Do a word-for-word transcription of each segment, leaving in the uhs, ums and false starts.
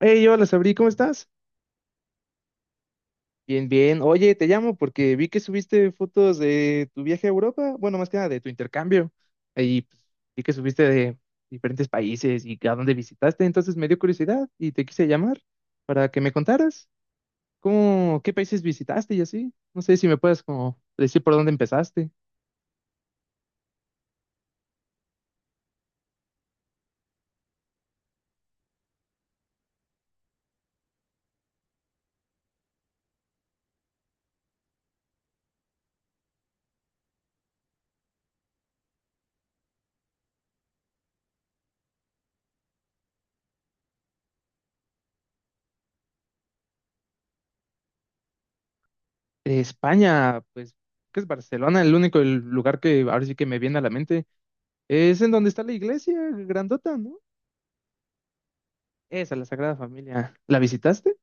Hey, hola Sabri, ¿cómo estás? Bien, bien. Oye, te llamo porque vi que subiste fotos de tu viaje a Europa, bueno, más que nada de tu intercambio. Y pues, vi que subiste de diferentes países y a dónde visitaste, entonces me dio curiosidad y te quise llamar para que me contaras cómo, qué países visitaste y así. No sé si me puedes como decir por dónde empezaste. De España, pues, que es Barcelona, el único el lugar que ahora sí que me viene a la mente. Es en donde está la iglesia grandota, ¿no? Esa, la Sagrada Familia. ¿La visitaste?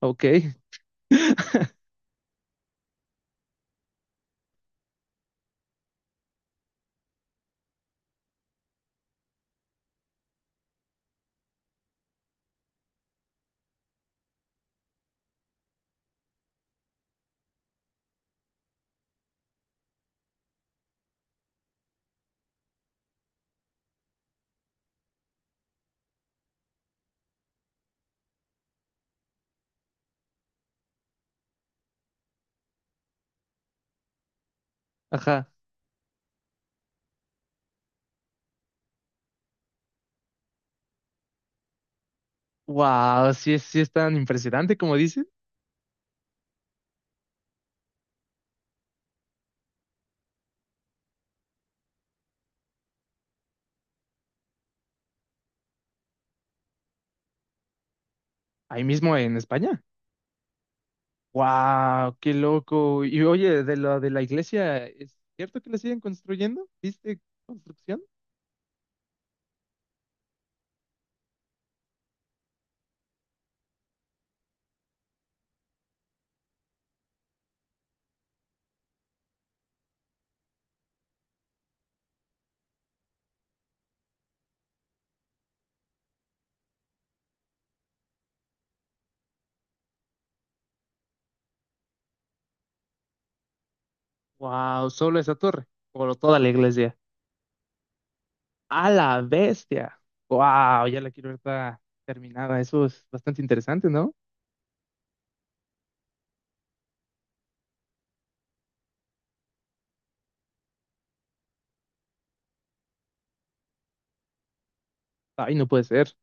Ok. Ajá. Wow, sí, es- sí es tan impresionante como dicen. Ahí mismo en España. Wow, qué loco. Y oye, de lo de la iglesia, ¿es cierto que la siguen construyendo? ¿Viste construcción? Wow, solo esa torre. Por toda la iglesia. A la bestia. Wow, ya la quiero ver toda terminada. Eso es bastante interesante, ¿no? Ay, no puede ser.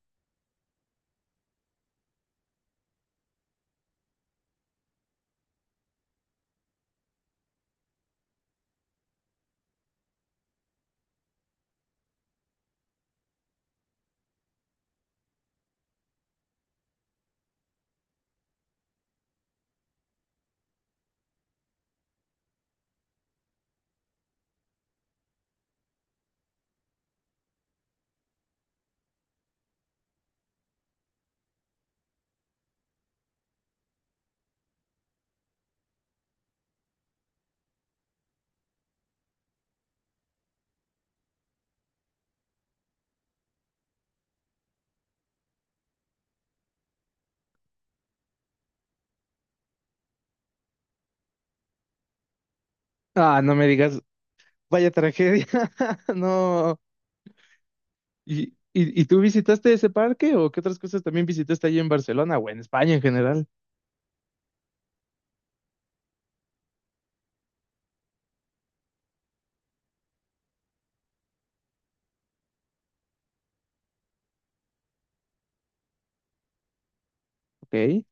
Ah, no me digas, vaya tragedia. No. ¿Y, y, y tú visitaste ese parque o qué otras cosas también visitaste allí en Barcelona o en España en general? Ok.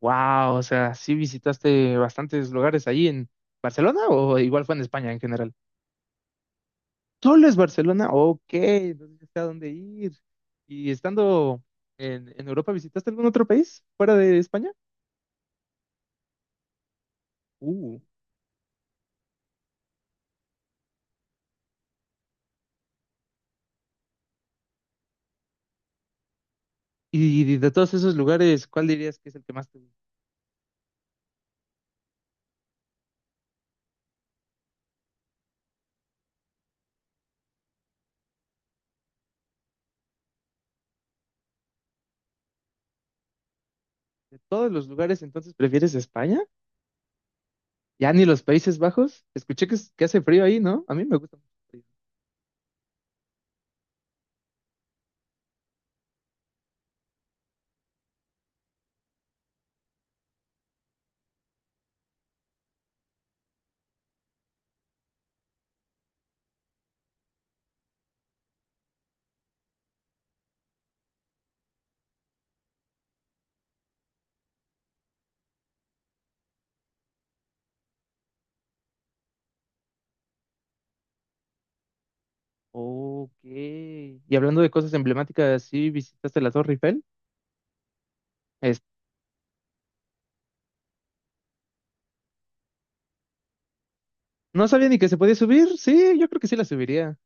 Wow, o sea, sí visitaste bastantes lugares allí en Barcelona o igual fue en España en general. ¿Solo es Barcelona? Ok, entonces ya sé a dónde ir. ¿Y estando en, en Europa visitaste algún otro país fuera de España? Uh. Y, de de todos esos lugares, ¿cuál dirías que es el que más te gusta? ¿De todos los lugares entonces prefieres España? ¿Ya ni los Países Bajos? Escuché que, es- que hace frío ahí, ¿no? A mí me gusta mucho el frío. Ok. Y hablando de cosas emblemáticas, ¿sí visitaste la Torre Eiffel? Es- No sabía ni que se podía subir. Sí, yo creo que sí la subiría.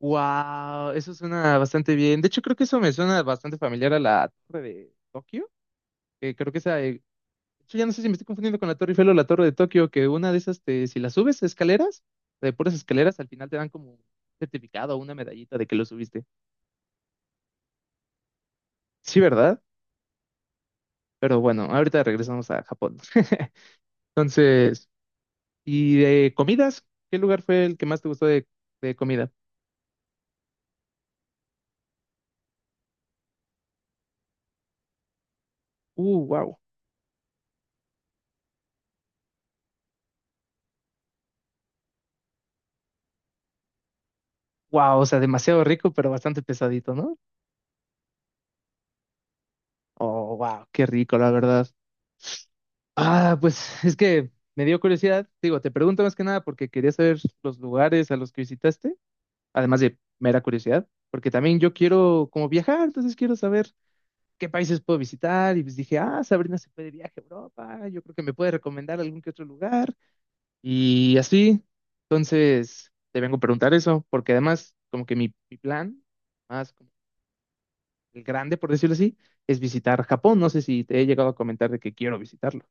Wow, eso suena bastante bien. De hecho, creo que eso me suena bastante familiar a la Torre de Tokio. Que creo que esa, eh, de hecho, ya no sé si me estoy confundiendo con la Torre Eiffel o la Torre de Tokio, que una de esas, te- si la subes escaleras, de puras escaleras, al final te dan como un certificado o una medallita de que lo subiste. Sí, ¿verdad? Pero bueno, ahorita regresamos a Japón. Entonces. ¿Y de comidas? ¿Qué lugar fue el que más te gustó de, de comida? Uh, wow. Wow, o sea, demasiado rico, pero bastante pesadito, ¿no? Oh, wow, qué rico, la verdad. Ah, pues es que me dio curiosidad. Digo, te pregunto más que nada porque quería saber los lugares a los que visitaste, además de mera curiosidad, porque también yo quiero como viajar, entonces quiero saber qué países puedo visitar. Y pues dije, ah, Sabrina se fue de viaje a Europa, yo creo que me puede recomendar algún que otro lugar. Y así, entonces, te vengo a preguntar eso, porque además, como que mi, mi plan, más como el grande, por decirlo así, es visitar Japón. No sé si te he llegado a comentar de que quiero visitarlo.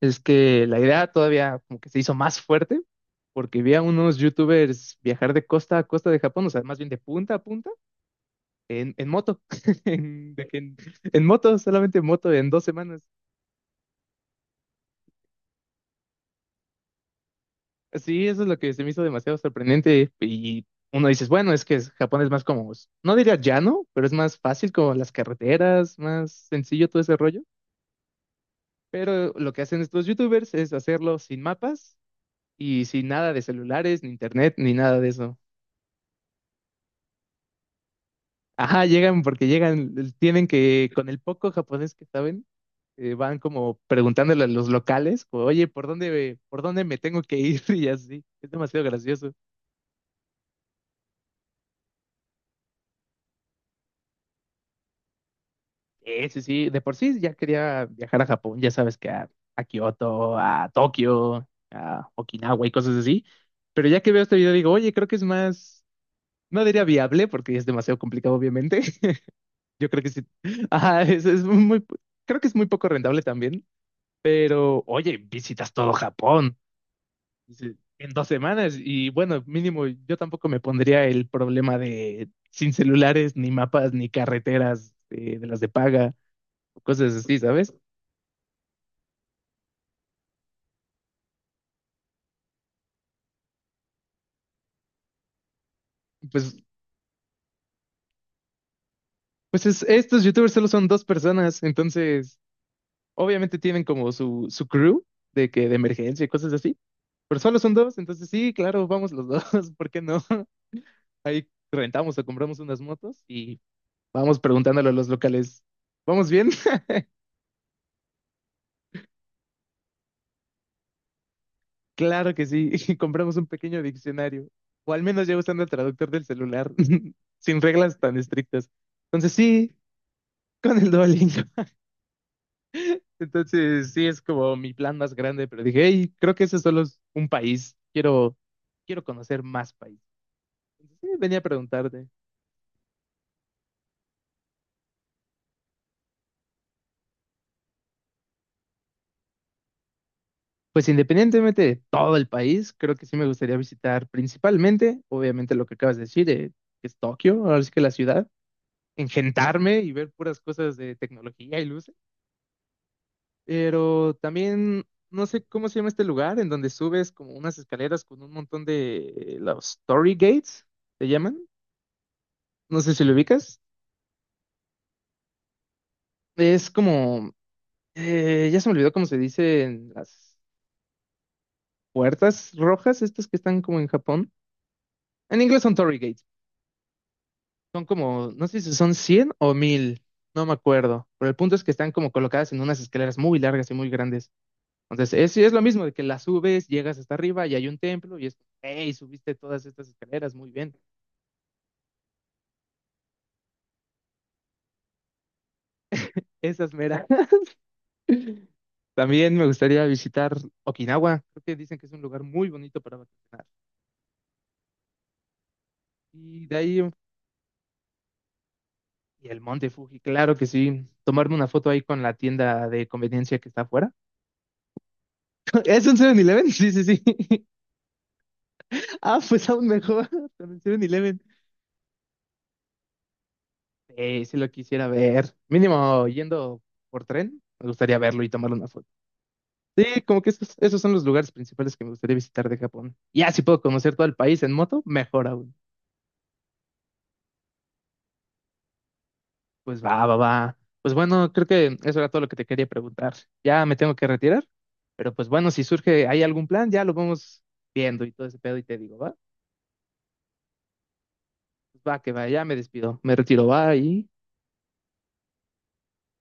Es que la idea todavía como que se hizo más fuerte, porque vi a unos youtubers viajar de costa a costa de Japón, o sea, más bien de punta a punta, en, en moto, en, de que en en moto, solamente en moto, en dos semanas. Sí, eso es lo que se me hizo demasiado sorprendente. Y uno dices, bueno, es que es- Japón es más como, no diría llano, pero es más fácil como las carreteras, más sencillo todo ese rollo. Pero lo que hacen estos youtubers es hacerlo sin mapas y sin nada de celulares, ni internet, ni nada de eso. Ajá, llegan porque llegan, tienen que, con el poco japonés que saben, eh, van como preguntándole a los locales, como, oye, ¿por dónde, ¿por dónde me tengo que ir? Y así. Es demasiado gracioso. Sí, sí, sí, de por sí ya quería viajar a Japón, ya sabes que a, a Kioto, a Tokio, a Okinawa y cosas así, pero ya que veo este video digo, oye, creo que es más, no diría viable porque es demasiado complicado obviamente, yo creo que sí, ajá, es, es muy, creo que es muy poco rentable también, pero oye, visitas todo Japón dice, en dos semanas y bueno, mínimo yo tampoco me pondría el problema de sin celulares, ni mapas, ni carreteras eh, de las de paga, cosas así, ¿sabes? Pues, pues es- estos youtubers solo son dos personas, entonces obviamente tienen como su, su crew de que de emergencia y cosas así, pero solo son dos, entonces sí, claro, vamos los dos, ¿por qué no? Ahí rentamos o compramos unas motos y vamos preguntándole a los locales, ¿vamos bien? Claro que sí, y compramos un pequeño diccionario, o al menos ya usando el traductor del celular, sin reglas tan estrictas. Entonces sí, con el Duolingo. Entonces, sí, es como mi plan más grande, pero dije, hey, creo que ese solo es un país, quiero, quiero conocer más países. Entonces, sí, venía a preguntarte, pues independientemente de todo el país, creo que sí me gustaría visitar principalmente, obviamente lo que acabas de decir, eh, que es Tokio, ahora sí que la ciudad, engentarme y ver puras cosas de tecnología y luces, pero también, no sé cómo se llama este lugar, en donde subes como unas escaleras con un montón de eh, los Torii Gates, ¿se llaman? No sé si lo ubicas. Es como, eh, ya se me olvidó cómo se dicen las puertas rojas, estas que están como en Japón. En inglés son Torii Gates. Son como, no sé si son cien o mil, no me acuerdo. Pero el punto es que están como colocadas en unas escaleras muy largas y muy grandes. Entonces, es, sí, es lo mismo de que las subes, llegas hasta arriba y hay un templo y es, hey, subiste todas estas escaleras, muy bien. Esas meras. También me gustaría visitar Okinawa. Creo que dicen que es un lugar muy bonito para vacacionar. Y de ahí. Y el Monte Fuji, claro que sí. Tomarme una foto ahí con la tienda de conveniencia que está afuera. ¿Es un 7-Eleven? Sí, sí, sí. Ah, pues aún mejor. Con el 7-Eleven. Eh, si lo quisiera ver. Mínimo yendo por tren, me gustaría verlo y tomar una foto. Sí, como que esos, esos son los lugares principales que me gustaría visitar de Japón. Ya, si puedo conocer todo el país en moto, mejor aún. Pues va, va, va. Pues bueno, creo que eso era todo lo que te quería preguntar. Ya me tengo que retirar, pero pues bueno, si surge, hay algún plan, ya lo vamos viendo y todo ese pedo y te digo, ¿va? Pues va, que va, ya me despido, me retiro, va y...